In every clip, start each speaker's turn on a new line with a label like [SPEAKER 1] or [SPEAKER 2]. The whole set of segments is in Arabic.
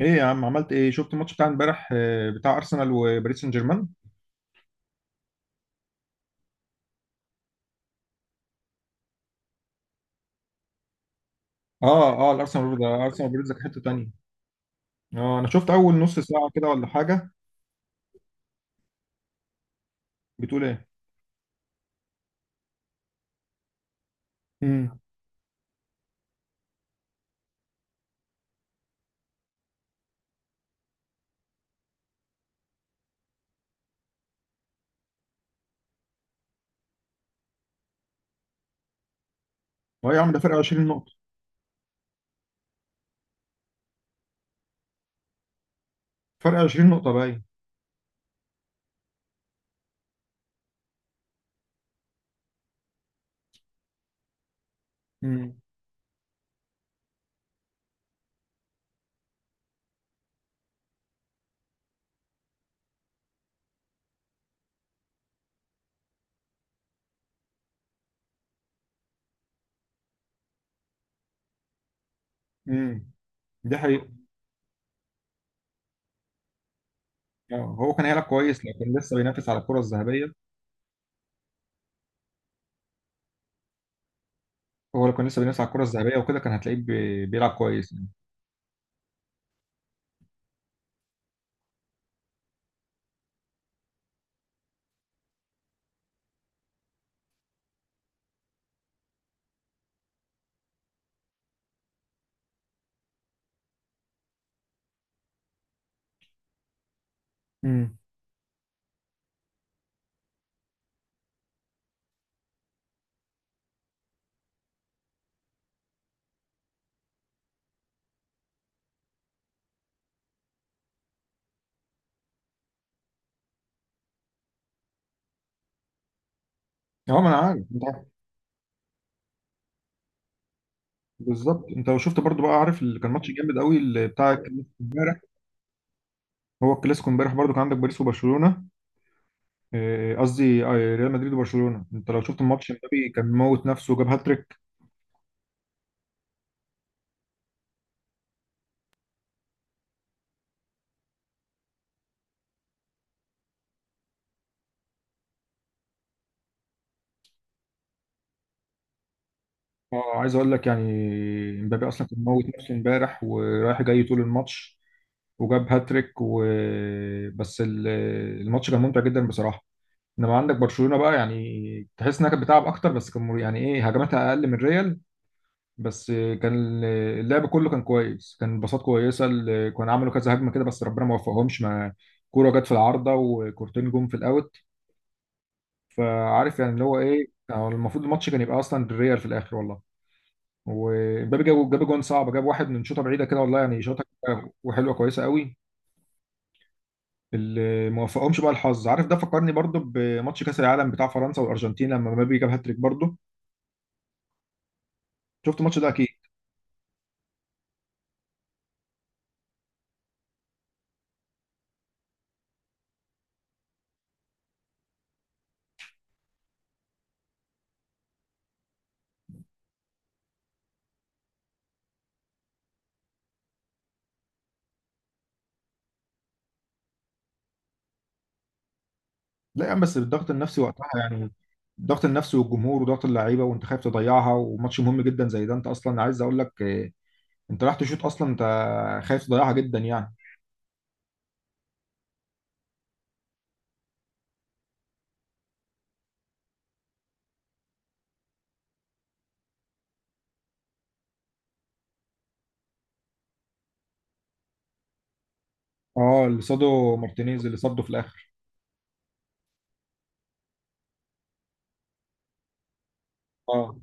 [SPEAKER 1] ايه يا عم عملت ايه؟ شفت الماتش بتاع امبارح بتاع ارسنال وباريس سان جيرمان. اه الارسنال وباريس ده. ارسنال وباريس ده كانت حته تانيه. اه، انا شفت اول نص ساعه كده ولا حاجه. بتقول ايه؟ امم هو إيه يا عم؟ ده فرق 20 نقطه. فرق 20 نقطه باين. امم امم دي حقيقه. هو كان هيلعب كويس لو كان لسه بينافس على الكره الذهبيه. هو لو كان لسه بينافس على الكره الذهبيه وكده كان هتلاقيه بيلعب كويس يعني. امم اه، ما انا عارف، انت عارف. بالظبط، انت لو شفت برضو بقى عارف اللي كان ماتش جامد قوي اللي بتاع الكلاسيكو امبارح. هو الكلاسيكو امبارح برضو كان عندك باريس وبرشلونه. قصدي ريال مدريد وبرشلونة. انت لو شفت الماتش، امبابي كان موت نفسه وجاب هاتريك. اه، عايز اقول لك يعني، امبابي اصلا كان موت نفسه امبارح ورايح جاي طول الماتش وجاب هاتريك بس ال- الماتش كان ممتع جدا بصراحة. انما عندك برشلونة بقى، يعني تحس انها كانت بتلعب اكتر، بس كان يعني ايه، هجماتها اقل من ريال. بس كان اللعب كله كان كويس، كان باصات كويسة، كانوا عملوا كذا هجمة كده بس ربنا ما وفقهمش. ما كورة جت في العارضة وكورتين جم في الاوت. فعارف يعني اللي هو ايه، هو المفروض الماتش كان يبقى اصلا بالريال في الاخر والله. ومبابي جاب جون صعب، جاب واحد من شوطه بعيده كده والله، يعني شوطه كده وحلوه كويسه قوي. اللي ما وفقهمش بقى الحظ، عارف. ده فكرني برضو بماتش كاس العالم بتاع فرنسا والارجنتين لما مبابي جاب هاتريك برضو. شفت الماتش ده اكيد. لا يا عم، بس الضغط النفسي وقتها يعني. الضغط النفسي والجمهور وضغط اللعيبه وانت خايف تضيعها، وماتش مهم جدا زي ده، انت اصلا عايز اقول لك انت رايح تشوط اصلا، انت خايف تضيعها جدا يعني. اه، اللي صاده مارتينيز، اللي صده في الاخر. اه.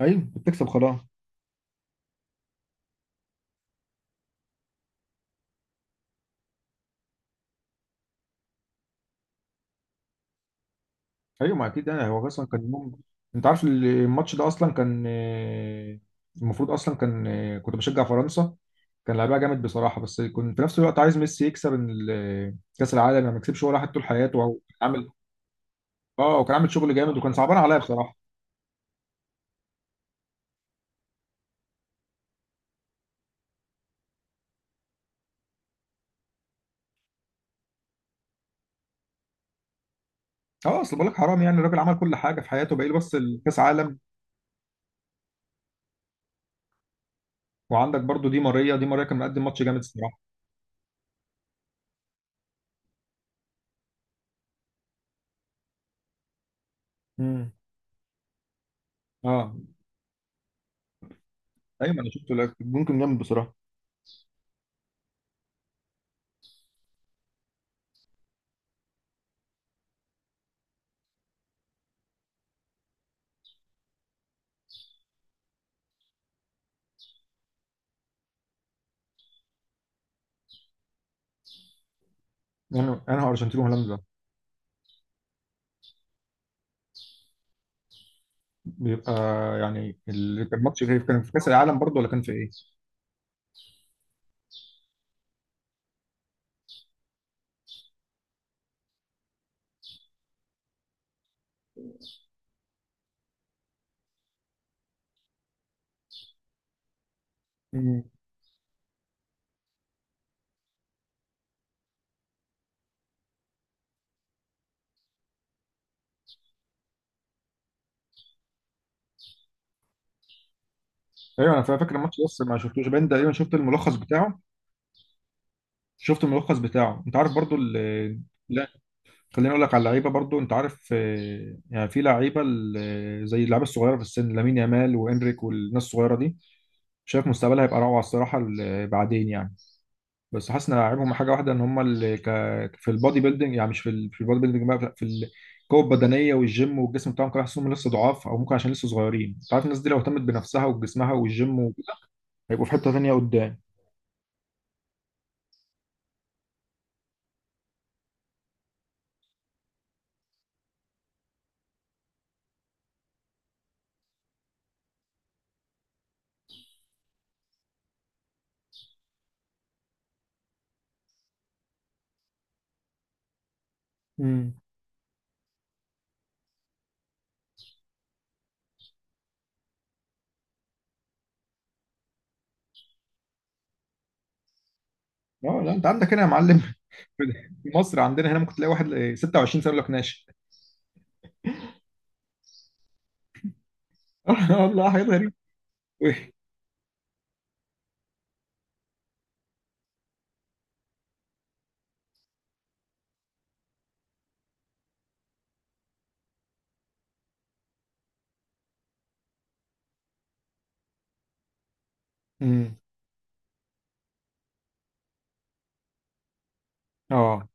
[SPEAKER 1] ايوه، بتكسب خلاص. ايوه، ما اكيد يعني هو اصلا كان يوم. انت عارف الماتش ده اصلا كان المفروض اصلا كان كنت بشجع فرنسا. كان لعبها جامد بصراحه، بس كنت في نفس الوقت عايز ميسي يكسب. إن كاس العالم يعني ما يكسبش ولا واحد طول حياته، وهو كان عامل. اه، وكان عامل شغل جامد، وكان صعبان عليا بصراحه. اه، اصل بقول لك حرام يعني، الراجل عمل كل حاجه في حياته، باقي له بس الكاس عالم. وعندك برضو دي ماريا. دي ماريا كان مقدم ماتش جامد الصراحه. امم اه. ايوه انا شفته لك، ممكن جامد بصراحه. انا هو ارجنتين وهولندا. بيبقى يعني اللي كان ماتش غير، كان في كاس العالم برضه ولا كان في ايه؟ مم. ايوه انا فاكر الماتش ده، بس ما شفتوش باين، تقريبا شفت الملخص بتاعه. شفت الملخص بتاعه. انت عارف برضه لا، خليني اقول لك على اللعيبه برضه. انت عارف يعني في لعيبه زي اللعيبه الصغيره في السن، لامين يامال وانريك والناس الصغيره دي، شايف مستقبلها هيبقى روعه الصراحه بعدين يعني. بس حاسس ان عيبهم حاجه واحده، ان هم في البادي بيلدينج، يعني مش في البادي بيلدينج بقى، في القوه البدنيه والجيم والجسم بتاعهم كده، حاسسهم لسه ضعاف، او ممكن عشان لسه صغيرين. انت عارف الناس دي لو اهتمت بنفسها وجسمها والجيم هيبقوا في حته ثانيه قدام. امم اه، لا انت عندك هنا يا معلم. في مصر عندنا هنا ممكن تلاقي واحد 26 سنه يقول لك ناشئ. والله حاجات غريبة. امم اه،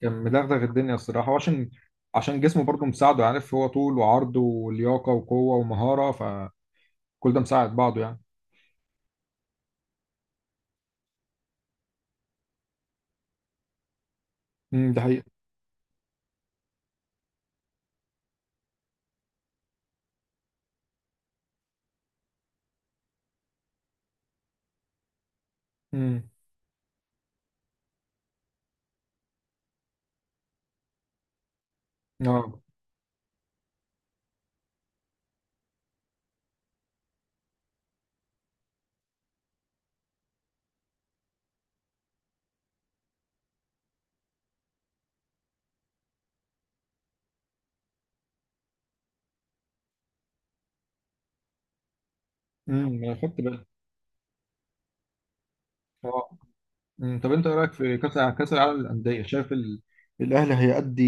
[SPEAKER 1] كان مدغدغ الدنيا الصراحه، وعشان عشان جسمه برضه مساعده، عارف، هو طول وعرض ولياقه وقوه ومهاره، فكل ده مساعد بعضه يعني. ده حقيقة. امم اه. انا خدت بالي. اه. امم، طب انت إيه رايك في كاس العالم للانديه؟ شايف الاهلي هيأدي،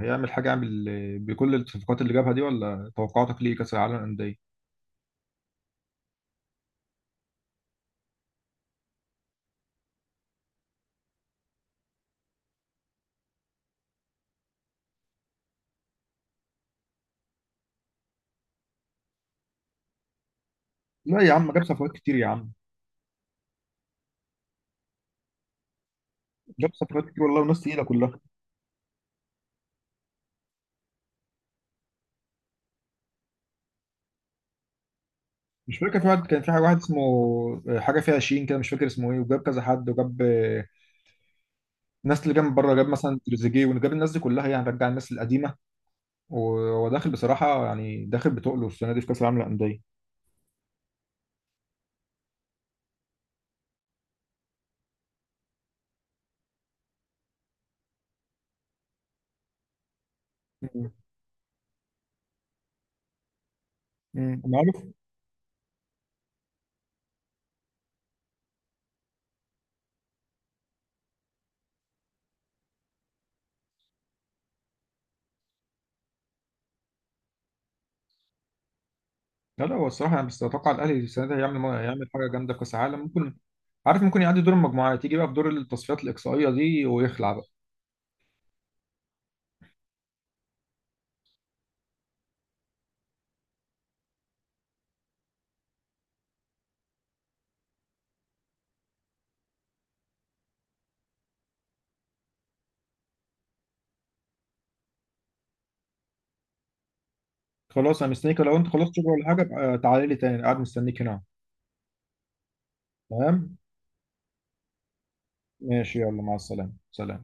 [SPEAKER 1] هيعمل حاجه؟ يعمل بكل الصفقات اللي جابها دي ولا توقعاتك ليه كاس العالم للانديه؟ لا يا عم، جاب صفقات كتير يا عم. جاب صفقات كتير والله، وناس تقيله كلها. مش فاكر، في واحد كان في واحد اسمه حاجه فيها 20 كده، مش فاكر اسمه ايه، وجاب كذا حد، وجاب الناس اللي جاب من بره، جاب مثلا تريزيجيه، وجاب الناس دي كلها يعني، رجع الناس القديمه. وهو داخل بصراحه، يعني داخل بتقله السنه دي في كاس العالم للانديه. مم. معروف. لا لا، هو الصراحه انا بس اتوقع الاهلي السنه دي هيعمل حاجه جامده، كاس عالم ممكن. عارف، ممكن يعدي دور المجموعات، يجي بقى في دور التصفيات الاقصائيه دي ويخلع بقى. خلاص، انا مستنيك. لو انت خلصت شغل ولا حاجه ابقى تعالى لي تاني، قاعد مستنيك هنا. تمام. ماشي، يلا مع السلامه، سلام.